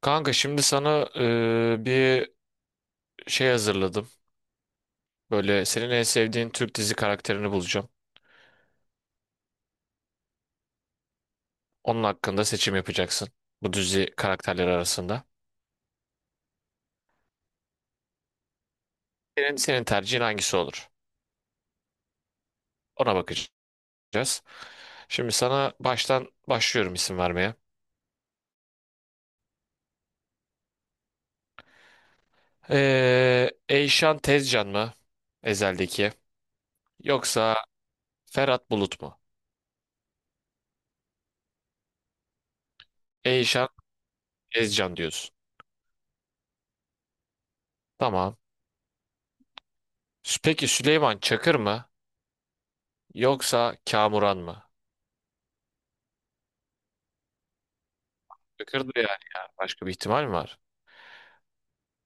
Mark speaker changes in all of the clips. Speaker 1: Kanka şimdi sana bir şey hazırladım. Böyle senin en sevdiğin Türk dizi karakterini bulacağım. Onun hakkında seçim yapacaksın. Bu dizi karakterleri arasında. Senin tercihin hangisi olur? Ona bakacağız. Şimdi sana baştan başlıyorum isim vermeye. Eyşan Tezcan mı? Ezel'deki. Yoksa Ferhat Bulut mu? Eyşan Tezcan diyorsun. Tamam. Peki Süleyman Çakır mı? Yoksa Kamuran mı? Çakır da yani ya. Başka bir ihtimal mi var?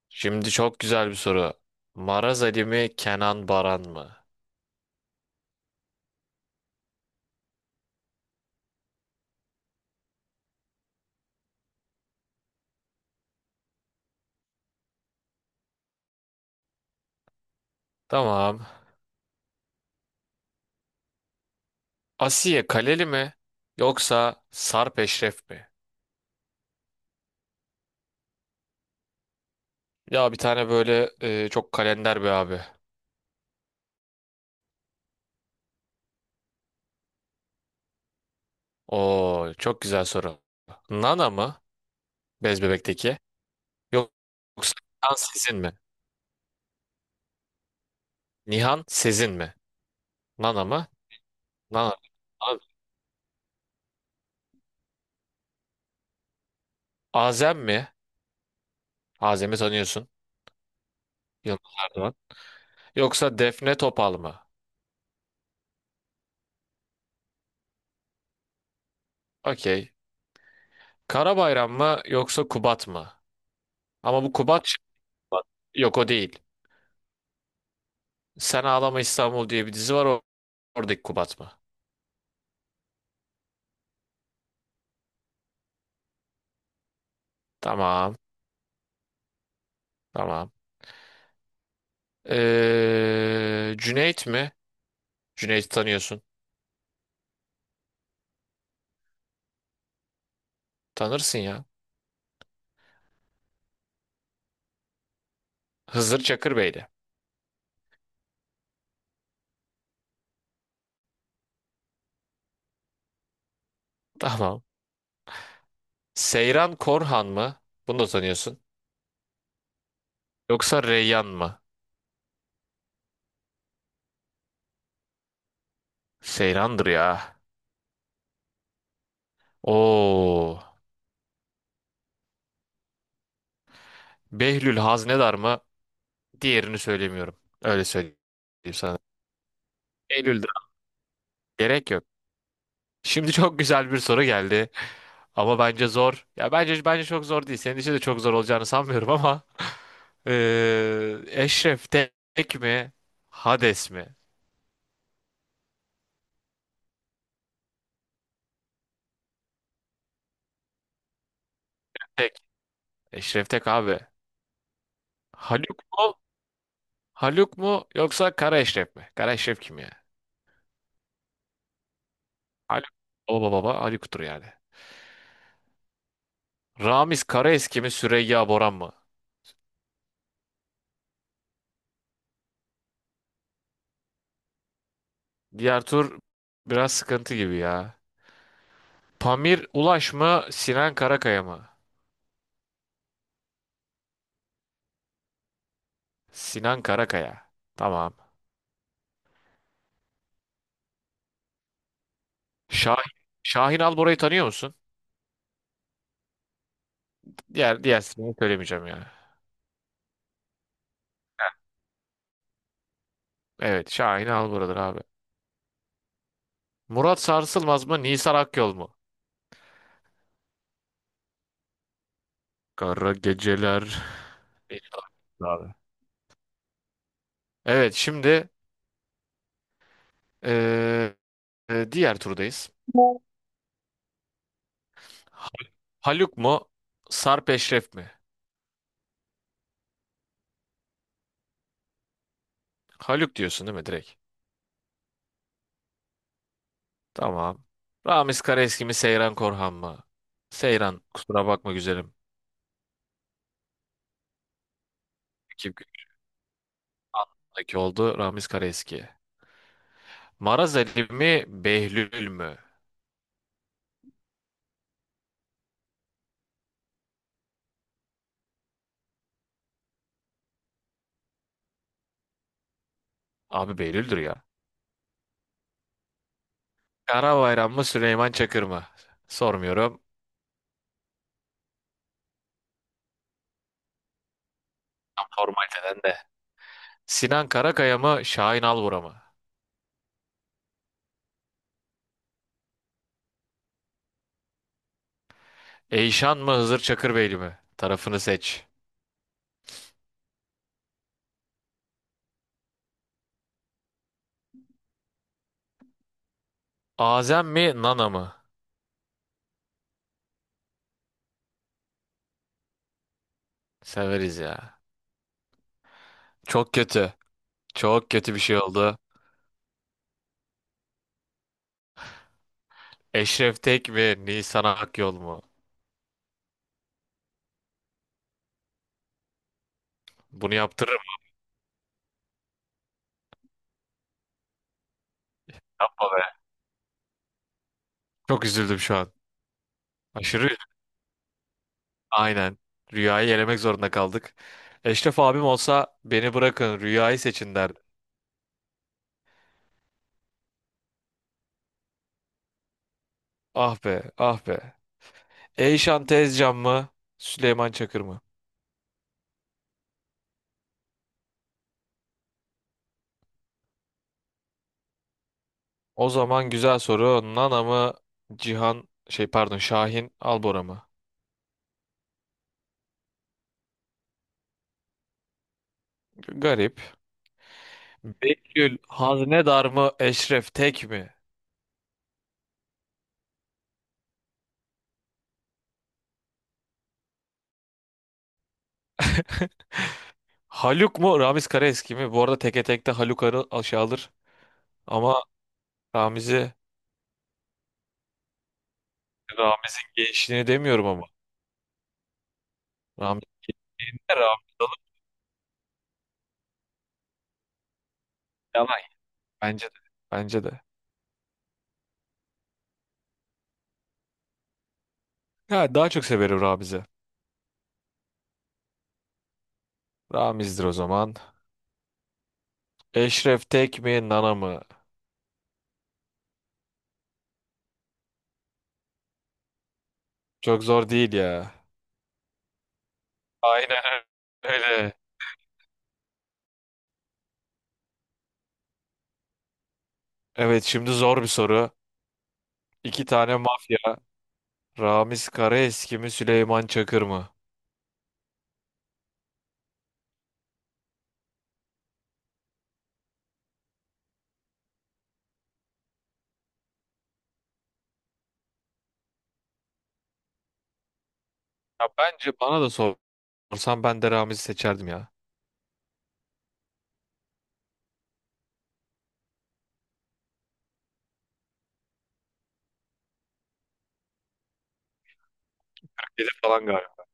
Speaker 1: Şimdi çok güzel bir soru. Maraz Ali mi, Kenan Baran mı? Tamam. Asiye Kaleli mi yoksa Sarp Eşref mi? Ya bir tane böyle çok kalender bir abi. Oo çok güzel soru. Nana mı, Bez Bebek'teki? Yok- Yoksa Nihan Sezin mi? Nihan Sezin mi? Nana mı? Nana. A- Azem mi? Azem'i tanıyorsun. Yılmaz Erdoğan. Yoksa Defne Topal mı? Okey. Karabayram mı yoksa Kubat mı? Ama bu Kubat Şıkkubat. Yok o değil. Sen Ağlama İstanbul diye bir dizi var oradaki Kubat mı? Tamam tamam. Cüneyt mi? Cüneyt'i tanıyorsun. Tanırsın ya. Hızır Çakır Bey'di. Tamam. Seyran Korhan mı? Bunu da tanıyorsun. Yoksa Reyyan mı? Seyran'dır ya. Oo. Behlül Haznedar mı? Diğerini söylemiyorum. Öyle söyleyeyim sana. Behlül'dür. Gerek yok. Şimdi çok güzel bir soru geldi. Ama bence zor. Ya bence çok zor değil. Senin için de çok zor olacağını sanmıyorum ama Eşref Tek mi? Hades mi? Tek. Eşref Tek abi. Haluk mu? Haluk mu yoksa Kara Eşref mi? Kara Eşref kim ya? Haluk. Baba baba Haluk'tur yani. Ramiz Karaeski mi Süreyya Boran mı? Diğer tur biraz sıkıntı gibi ya. Pamir Ulaş mı Sinan Karakaya mı? Sinan Karakaya. Tamam. Şahin, Şahin Albora'yı tanıyor musun? Diğer ismini söylemeyeceğim yani. Evet, Şahin Albora'dır abi. Murat Sarsılmaz mı, Nisan Akyol mu? Kara geceler. Beni aldı abi. Evet, şimdi eee, diğer turdayız. Ha- Haluk mu, Sarp Eşref mi? Haluk diyorsun değil mi direkt? Tamam. Ramiz Karaeski mi, Seyran Korhan mı? Seyran, kusura bakma güzelim. İki gündeki oldu Ramiz Karaeski. Maraz Ali mi, Behlül mü? Abi Behlül'dür ya. Kara bayram mı Süleyman Çakır mı? Sormuyorum. Tam formaliteden de. Sinan Karakaya mı Şahin Alvura mı? Eyşan mı Hızır Çakırbeyli mi? Tarafını seç. Azem mi Nana mı? Severiz ya. Çok kötü. Çok kötü bir şey oldu. Eşref Tek mi Nisan Akyol mu? Bunu yaptırırım baba be. Çok üzüldüm şu an. Aşırı üzüldüm. Aynen. Rüyayı elemek zorunda kaldık. Eşref abim olsa beni bırakın rüyayı seçin derdi. Ah be, ah be. Eyşan Tezcan mı? Süleyman Çakır mı? O zaman güzel soru. Nana mı? Cihan şey pardon Şahin Albora mı? Garip. Betül Haznedar mı? Eşref Tek mi? Haluk mu? Ramiz Karaeski mi? Bu arada teke tekte Haluk arı aşağı alır. Ama Ramiz'i, Ramiz'in gençliğini demiyorum ama. Ramiz'in de Ramiz alır. Yalay. Bence de. Bence de. Ya daha çok severim Ramiz'i. Ramiz'dir o zaman. Eşref Tek mi? Nana mı? Çok zor değil ya. Aynen öyle. Evet şimdi zor bir soru. İki tane mafya. Ramiz Karaeski mi Süleyman Çakır mı? Ya bence bana da sorsan ben de Ramiz'i seçerdim ya. Dedi falan galiba.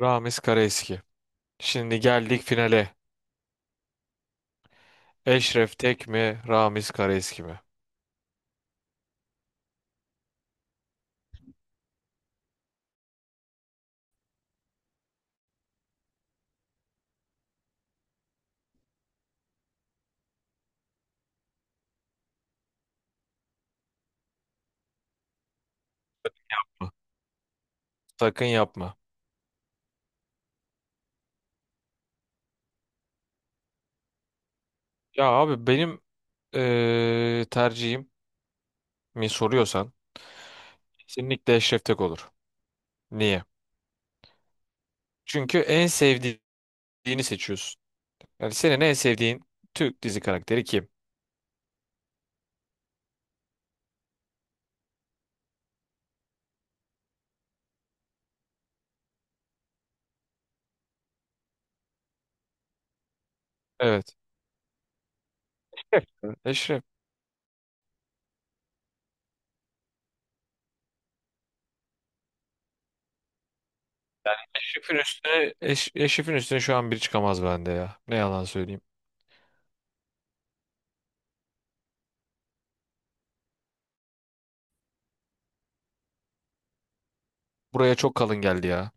Speaker 1: Ramiz Karaeski. Şimdi geldik finale. Eşref Tek mi Ramiz Karaeski mi? Hı. Sakın yapma. Ya abi benim tercihim mi soruyorsan kesinlikle Eşref Tek olur. Niye? Çünkü en sevdiğini seçiyorsun. Yani senin en sevdiğin Türk dizi karakteri kim? Evet. Evet. Eşref. Eşref'in üstüne, Eşref'in üstüne şu an biri çıkamaz bende ya. Ne yalan söyleyeyim. Buraya çok kalın geldi ya.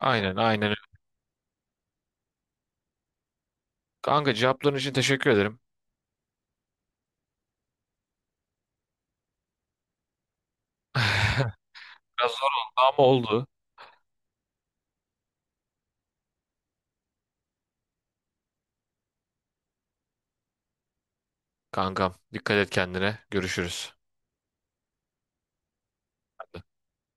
Speaker 1: Aynen aynen öyle. Kanka cevapların için teşekkür ederim. Biraz zor oldu ama oldu. Kankam dikkat et kendine. Görüşürüz.